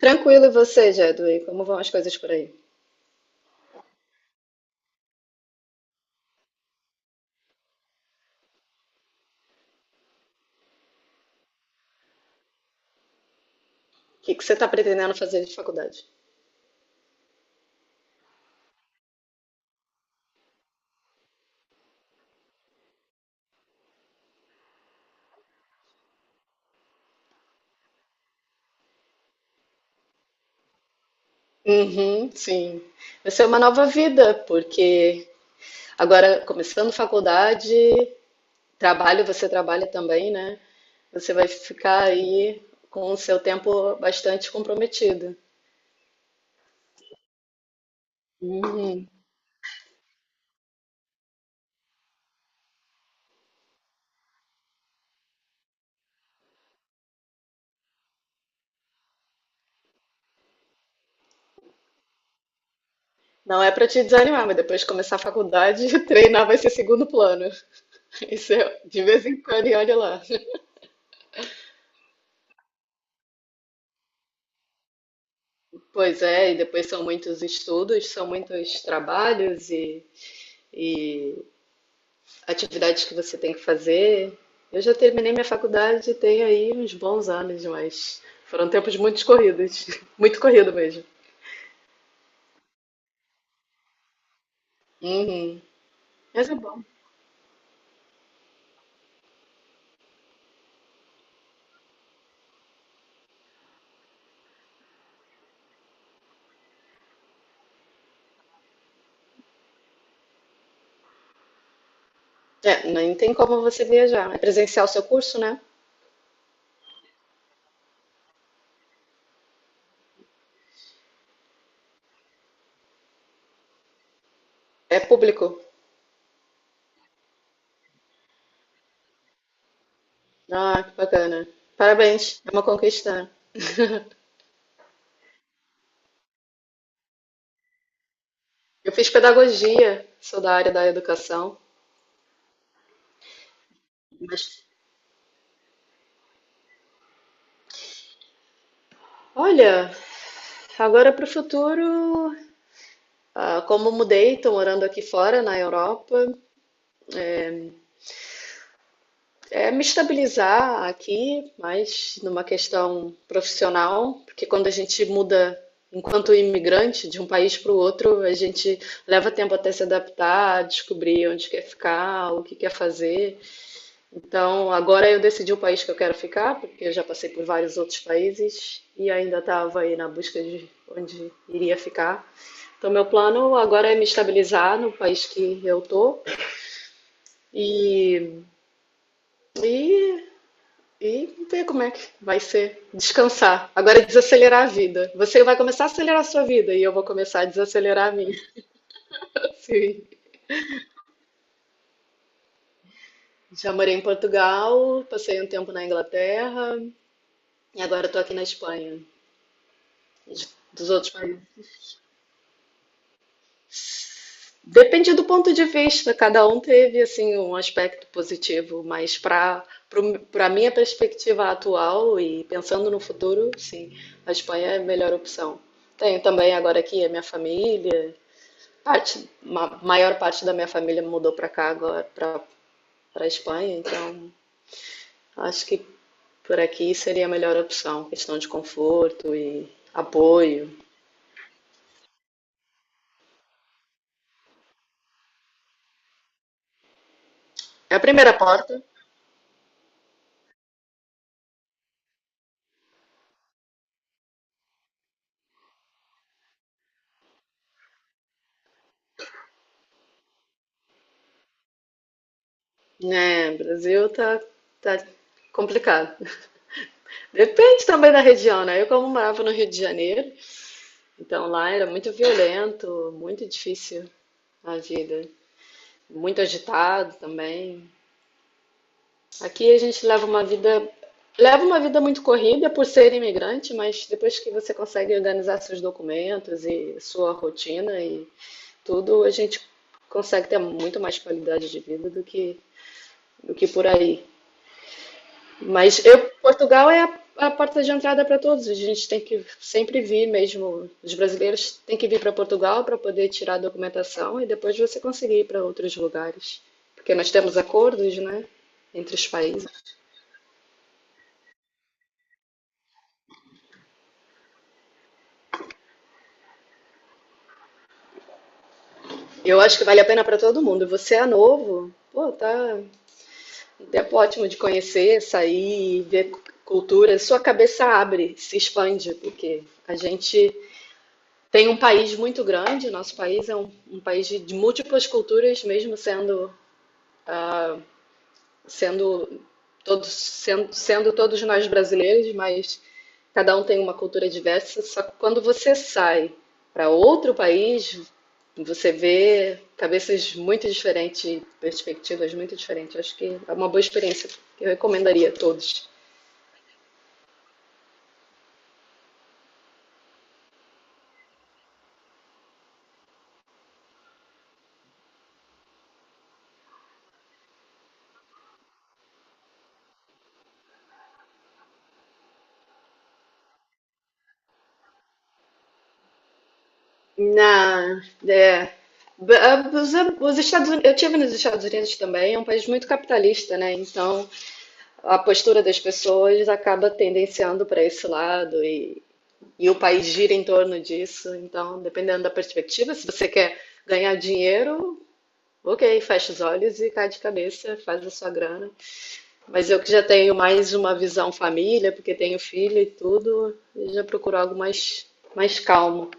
Tranquilo, e você, Jedway? Como vão as coisas por aí? O que que você está pretendendo fazer de faculdade? Uhum, sim. Vai ser uma nova vida, porque agora começando faculdade, trabalho, você trabalha também, né? Você vai ficar aí com o seu tempo bastante comprometido. Uhum. Não é para te desanimar, mas depois de começar a faculdade, treinar vai ser segundo plano. Isso é de vez em quando e olha lá. Pois é, e depois são muitos estudos, são muitos trabalhos e atividades que você tem que fazer. Eu já terminei minha faculdade e tenho aí uns bons anos, mas foram tempos muito corridos, muito corrido mesmo. Uhum. Mas é bom. É, nem tem como você viajar. É presencial o seu curso, né? É público. Ah, que bacana. Parabéns, é uma conquista, né? Eu fiz pedagogia, sou da área da educação, mas olha, agora para o futuro, como mudei, estou morando aqui fora, na Europa. É me estabilizar aqui, mas numa questão profissional, porque quando a gente muda enquanto imigrante de um país para o outro, a gente leva tempo até se adaptar, descobrir onde quer ficar, o que quer fazer. Então, agora eu decidi o país que eu quero ficar, porque eu já passei por vários outros países e ainda estava aí na busca de onde iria ficar. Então, meu plano agora é me estabilizar no país que eu tô e, e E ver como é que vai ser. Descansar. Agora é desacelerar a vida. Você vai começar a acelerar a sua vida e eu vou começar a desacelerar a minha. Sim. Já morei em Portugal, passei um tempo na Inglaterra e agora estou aqui na Espanha. Dos outros países. Depende do ponto de vista, cada um teve assim um aspecto positivo, mas para minha perspectiva atual e pensando no futuro, sim, a Espanha é a melhor opção. Tenho também agora aqui a minha família. Maior parte da minha família mudou para cá agora, para Espanha, então acho que por aqui seria a melhor opção, questão de conforto e apoio. É a primeira porta, né? Brasil tá complicado. Depende também da região, né? Eu como morava no Rio de Janeiro, então lá era muito violento, muito difícil a vida, muito agitado também. Aqui a gente leva uma vida muito corrida por ser imigrante, mas depois que você consegue organizar seus documentos e sua rotina e tudo, a gente consegue ter muito mais qualidade de vida do que por aí. Mas eu, Portugal é a porta de entrada para todos. A gente tem que sempre vir mesmo. Os brasileiros têm que vir para Portugal para poder tirar a documentação e depois você conseguir ir para outros lugares. Porque nós temos acordos, né, entre os países. Eu acho que vale a pena para todo mundo. Você é novo, pô, tá um tempo ótimo de conhecer, sair, ver cultura. Sua cabeça abre, se expande, porque a gente tem um país muito grande. Nosso país é um país de múltiplas culturas, mesmo sendo ah, sendo todos sendo, sendo todos nós brasileiros. Mas cada um tem uma cultura diversa, só que quando você sai para outro país, você vê cabeças muito diferentes, perspectivas muito diferentes. Acho que é uma boa experiência que eu recomendaria a todos. Na, é, b- a- os Estados Unidos, eu tive nos Estados Unidos também, é um país muito capitalista, né? Então a postura das pessoas acaba tendenciando para esse lado e o país gira em torno disso. Então, dependendo da perspectiva, se você quer ganhar dinheiro, ok, fecha os olhos e cai de cabeça, faz a sua grana. Mas eu que já tenho mais uma visão família, porque tenho filho e tudo, eu já procuro algo mais calmo.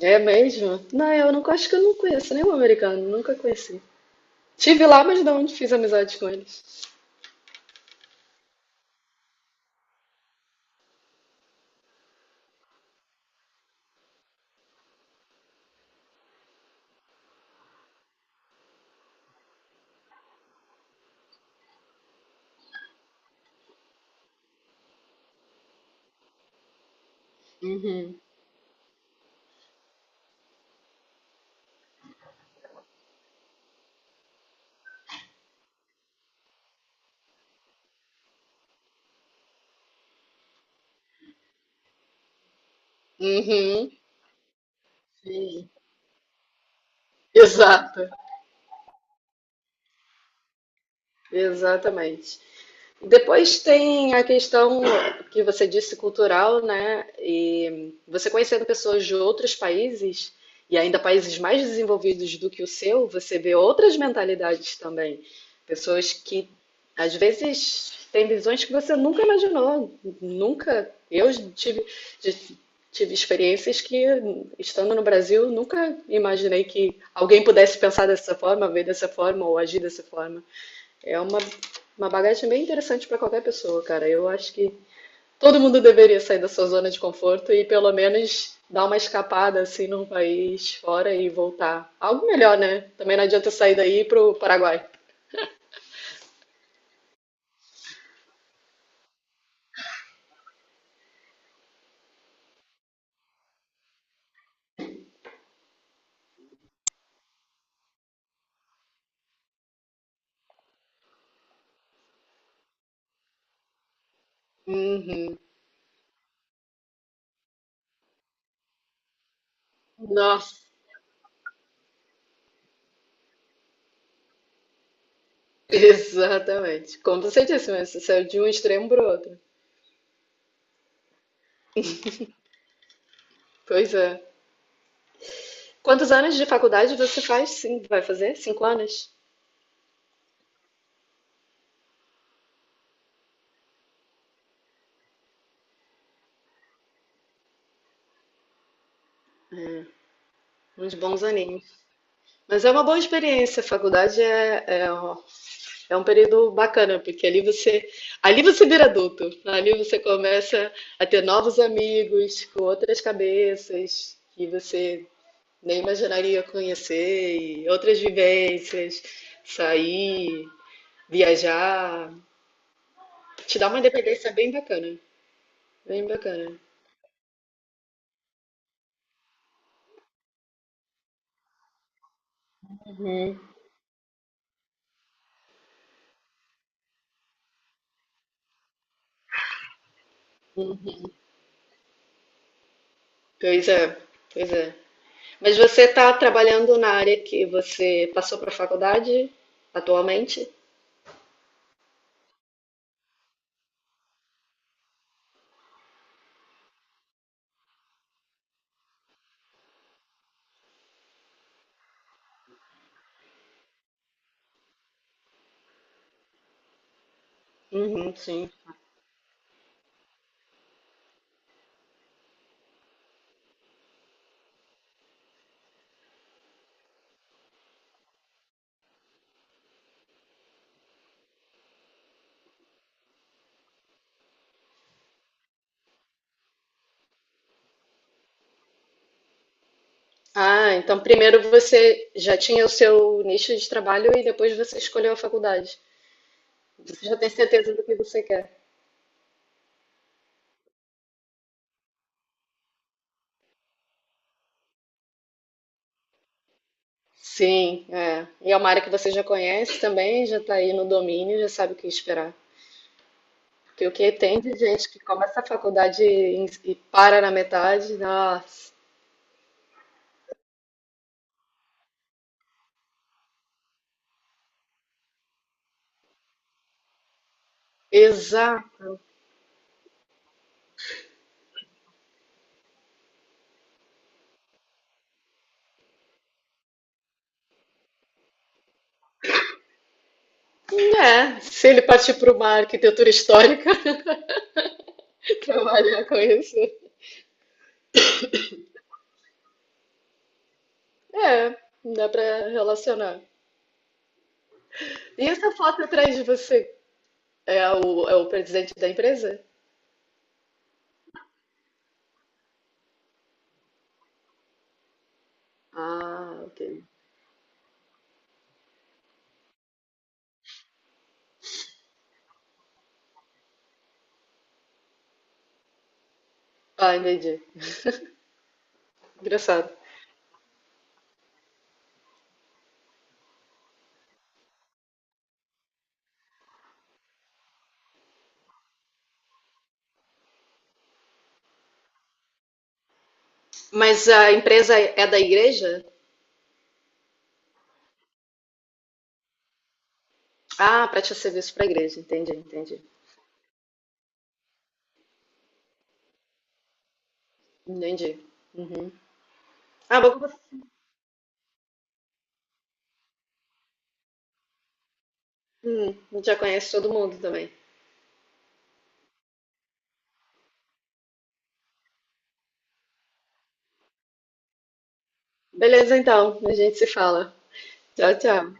É mesmo? Não, eu não acho que eu não conheço nenhum americano, nunca conheci. Tive lá, mas não fiz amizade com eles. Uhum, exato, exatamente. Depois tem a questão que você disse cultural, né? E você conhecendo pessoas de outros países e ainda países mais desenvolvidos do que o seu, você vê outras mentalidades também. Pessoas que às vezes têm visões que você nunca imaginou, nunca. Eu tive experiências que, estando no Brasil, nunca imaginei que alguém pudesse pensar dessa forma, ver dessa forma ou agir dessa forma. É uma bagagem bem interessante para qualquer pessoa, cara. Eu acho que todo mundo deveria sair da sua zona de conforto e pelo menos dar uma escapada assim num país fora e voltar. Algo melhor, né? Também não adianta eu sair daí pro Paraguai. Uhum. Nossa, exatamente. Como você disse, mas você saiu de um extremo pro outro. Pois é. Quantos anos de faculdade você faz? Sim, vai fazer? 5 anos? Uns bons aninhos. Mas é uma boa experiência. Faculdade é um período bacana, porque ali você vira adulto, ali você começa a ter novos amigos com outras cabeças que você nem imaginaria conhecer, e outras vivências, sair, viajar, te dá uma independência bem bacana, bem bacana. Hum. Pois é, pois é. Mas você está trabalhando na área que você passou para a faculdade atualmente? Uhum, sim. Ah, então primeiro você já tinha o seu nicho de trabalho e depois você escolheu a faculdade. Você já tem certeza do que você quer. Sim, é. E é uma área que você já conhece também, já está aí no domínio, já sabe o que esperar. Porque o que tem de gente que começa a faculdade e para na metade, nossa, exato. É, se ele partir para uma arquitetura histórica trabalhar com isso, é, dá para relacionar. E essa foto atrás de você é o presidente da empresa? Ah, ok. Ah, entendi. Engraçado. Mas a empresa é da igreja? Ah, presta serviço para a igreja. Entendi, entendi. Entendi. Uhum. Ah, bom, já conhece todo mundo também. Beleza, então. A gente se fala. Tchau, tchau.